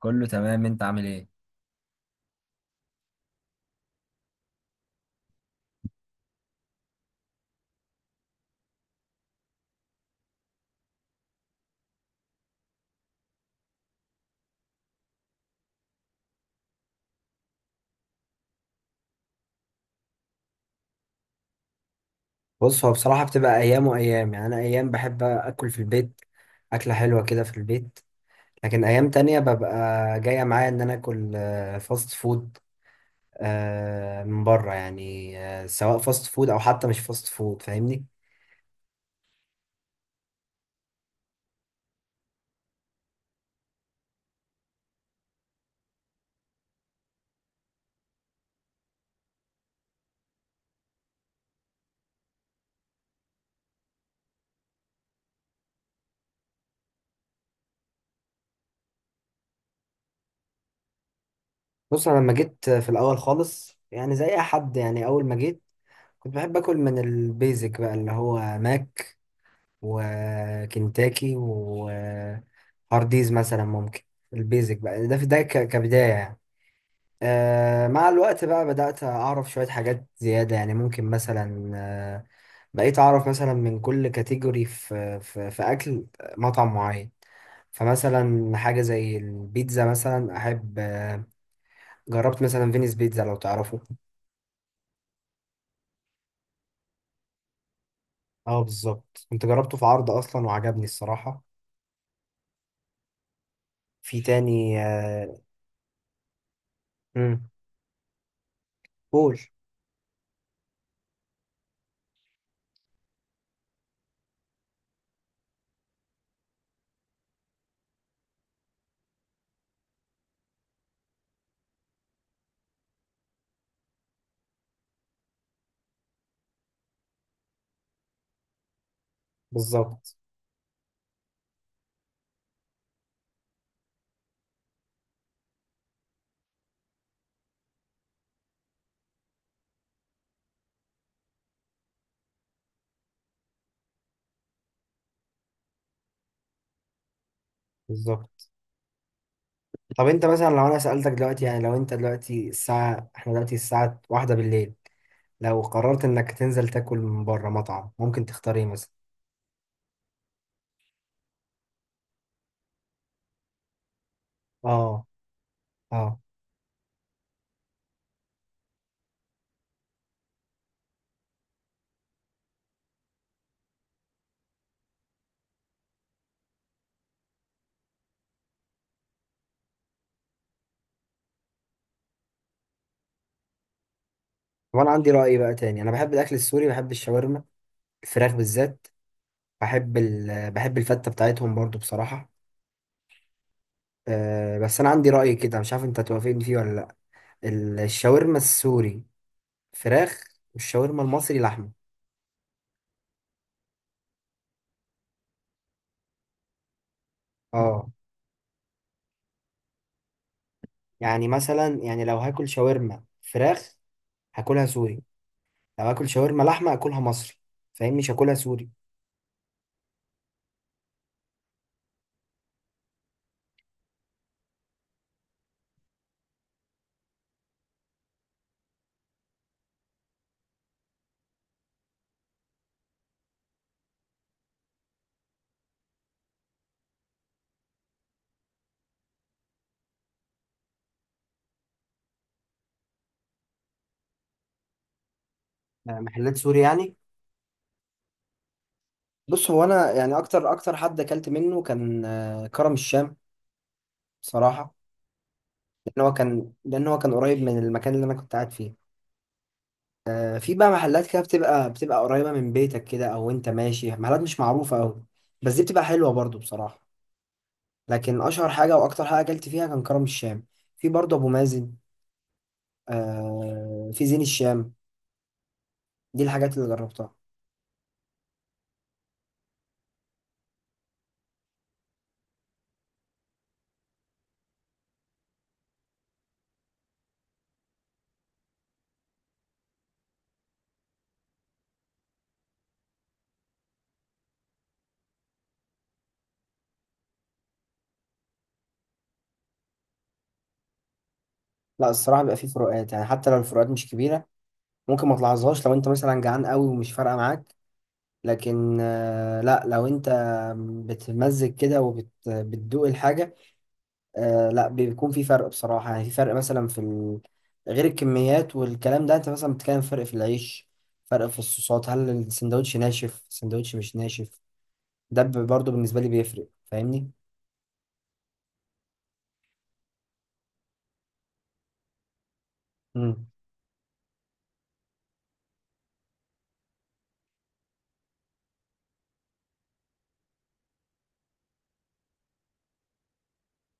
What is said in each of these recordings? كله تمام، انت عامل ايه؟ بص، هو بصراحة بتبقى أيام وأيام. يعني أنا أيام بحب أكل في البيت، أكلة حلوة كده في البيت. لكن أيام تانية ببقى جاية معايا إن أنا آكل فاست فود. من بره يعني، سواء فاست فود أو حتى مش فاست فود، فاهمني. بص، أنا لما جيت في الأول خالص، يعني زي أي حد، يعني أول ما جيت كنت بحب أكل من البيزك بقى، اللي هو ماك وكنتاكي وهارديز مثلا. ممكن البيزك بقى ده في ده ك- كبداية يعني. آه، مع الوقت بقى بدأت أعرف شوية حاجات زيادة. يعني ممكن مثلا، بقيت أعرف مثلا من كل كاتيجوري في أكل مطعم معين. فمثلا حاجة زي البيتزا مثلا أحب. جربت مثلا فينيس بيتزا، لو تعرفه. اه بالظبط، كنت جربته في عرض أصلا وعجبني الصراحة في تاني. مم، قول. بالظبط. بالظبط. طب انت مثلا لو انا سألتك دلوقتي، يعني لو انت دلوقتي الساعة، احنا دلوقتي الساعة واحدة بالليل، لو قررت انك تنزل تاكل من بره مطعم، ممكن تختار ايه مثلا؟ اه. اه. وانا عندي رأي بقى تاني، انا بحب الاكل السوري، بحب الشاورما الفراخ بالذات، بحب بحب الفتة بتاعتهم برضو بصراحة. أه، بس انا عندي رأي كده مش عارف انت توافقني فيه ولا لا. الشاورما السوري فراخ، والشاورما المصري لحمة. اه، يعني مثلا، يعني لو هاكل شاورما فراخ هاكلها سوري، لو اكل شاورما لحمه اكلها مصري. فاهم؟ مش هاكلها سوري. محلات سوري يعني. بص، هو انا يعني اكتر حد اكلت منه كان، كرم الشام بصراحه. لان هو كان قريب من المكان اللي انا كنت قاعد فيه. في بقى محلات كده بتبقى قريبه من بيتك كده، او انت ماشي محلات مش معروفه قوي، بس دي بتبقى حلوه برضو بصراحه. لكن اشهر حاجه واكتر حاجه اكلت فيها كان كرم الشام. في برضو ابو مازن، في زين الشام. دي الحاجات اللي جربتها. لا، الصراحه بيبقى في فروقات يعني، حتى لو الفروقات مش كبيره ممكن ما تلاحظهاش لو انت مثلا جعان قوي ومش فارقه معاك. لكن لا لو انت بتمزج كده وبتدوق الحاجه، لا بيكون في فرق بصراحه. يعني في فرق مثلا في غير الكميات والكلام ده. انت مثلا بتتكلم فرق في العيش، فرق في الصوصات، هل السندوتش ناشف السندوتش مش ناشف؟ ده برضه بالنسبه لي بيفرق، فاهمني. امم.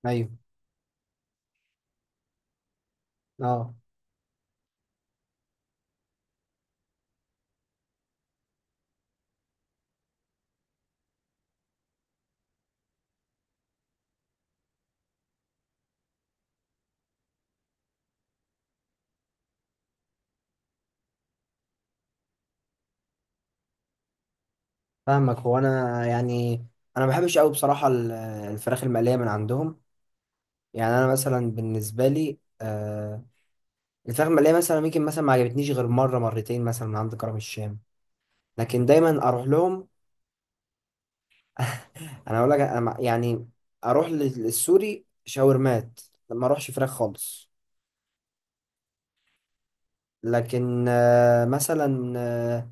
ايوه. اه فاهمك. هو انا يعني انا ما بحبش قوي بصراحه الفراخ المقليه من عندهم. يعني انا مثلا بالنسبه لي، الفراخ المقليه مثلا ممكن مثلا ما عجبتنيش غير مره مرتين مثلا من عند كرم الشام، لكن دايما اروح لهم. انا اقول لك انا يعني اروح للسوري شاورمات، ما اروحش فراخ خالص. لكن آه مثلا آه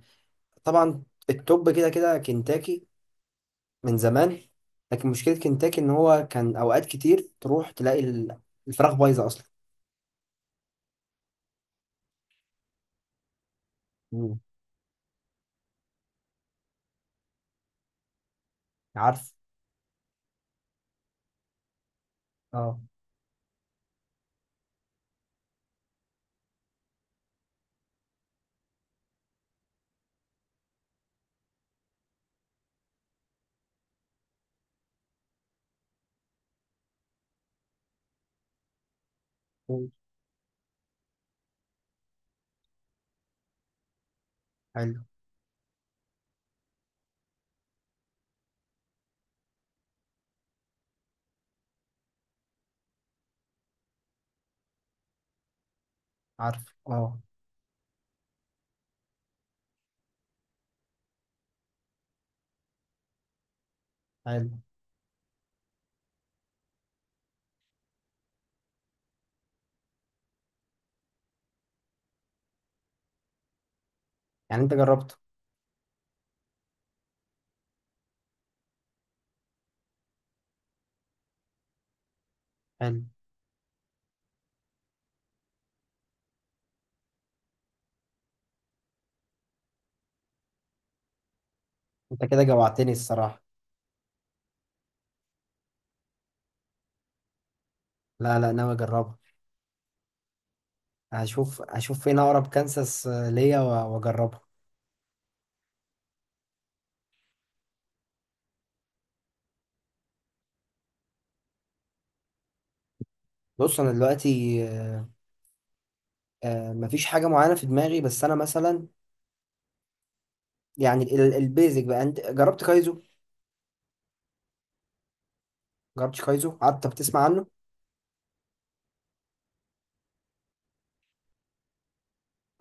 طبعا التوب كده كده كنتاكي من زمان، لكن مشكله كنتاكي ان هو كان اوقات كتير تروح تلاقي الفراخ بايظه اصلا. مم. عارف. اه. حلو. عارف. اه. حلو. يعني انت جربته؟ حلو. انت كده جوعتني الصراحة. لا لا، ناوي اجربها. هشوف هشوف فين اقرب كانساس ليا واجربها. بص انا دلوقتي، مفيش حاجة معينة في دماغي، بس انا مثلا يعني البيزك بقى، انت جربت كايزو؟ جربتش كايزو؟ قعدت بتسمع عنه.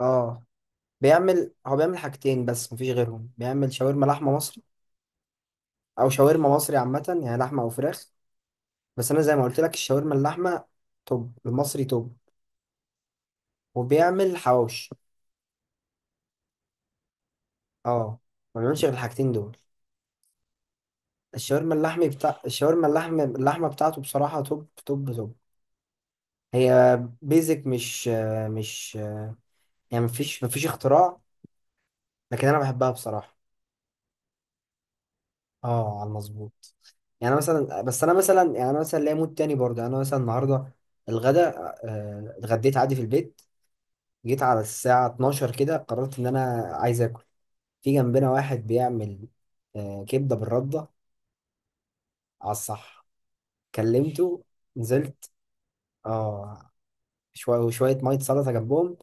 اه. بيعمل، هو بيعمل حاجتين بس، مفيش غيرهم. بيعمل شاورما لحمة مصري، او شاورما مصري عامة يعني، لحمة او فراخ. بس انا زي ما قلت لك، الشاورما اللحمة توب المصري توب. وبيعمل حواوشي. اه، ما بيعملش غير الحاجتين دول. الشاورما اللحمي بتاع، الشاورما اللحم اللحمه بتاعته بصراحه توب توب توب. هي بيزك مش مش، يعني مفيش مفيش اختراع، لكن انا بحبها بصراحه. اه على المظبوط. يعني أنا مثلا، بس انا مثلا، يعني انا مثلا ليا مود تاني برضه. يعني انا مثلا النهارده الغدا، اتغديت عادي في البيت. جيت على الساعه 12 كده قررت ان انا عايز اكل. في جنبنا واحد بيعمل، كبده بالرده، على الصح. كلمته، نزلت. اه، شوية وشوية مية سلطة جنبهم،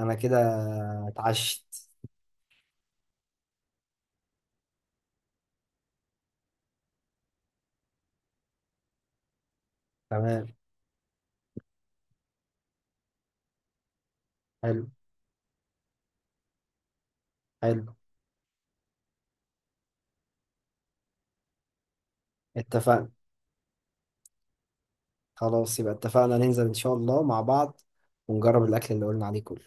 أنا كده اتعشت. تمام. حلو. حلو. اتفقنا. خلاص يبقى اتفقنا ننزل إن شاء الله مع بعض ونجرب الأكل اللي قلنا عليه كله.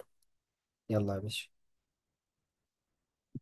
يلا يا باشا.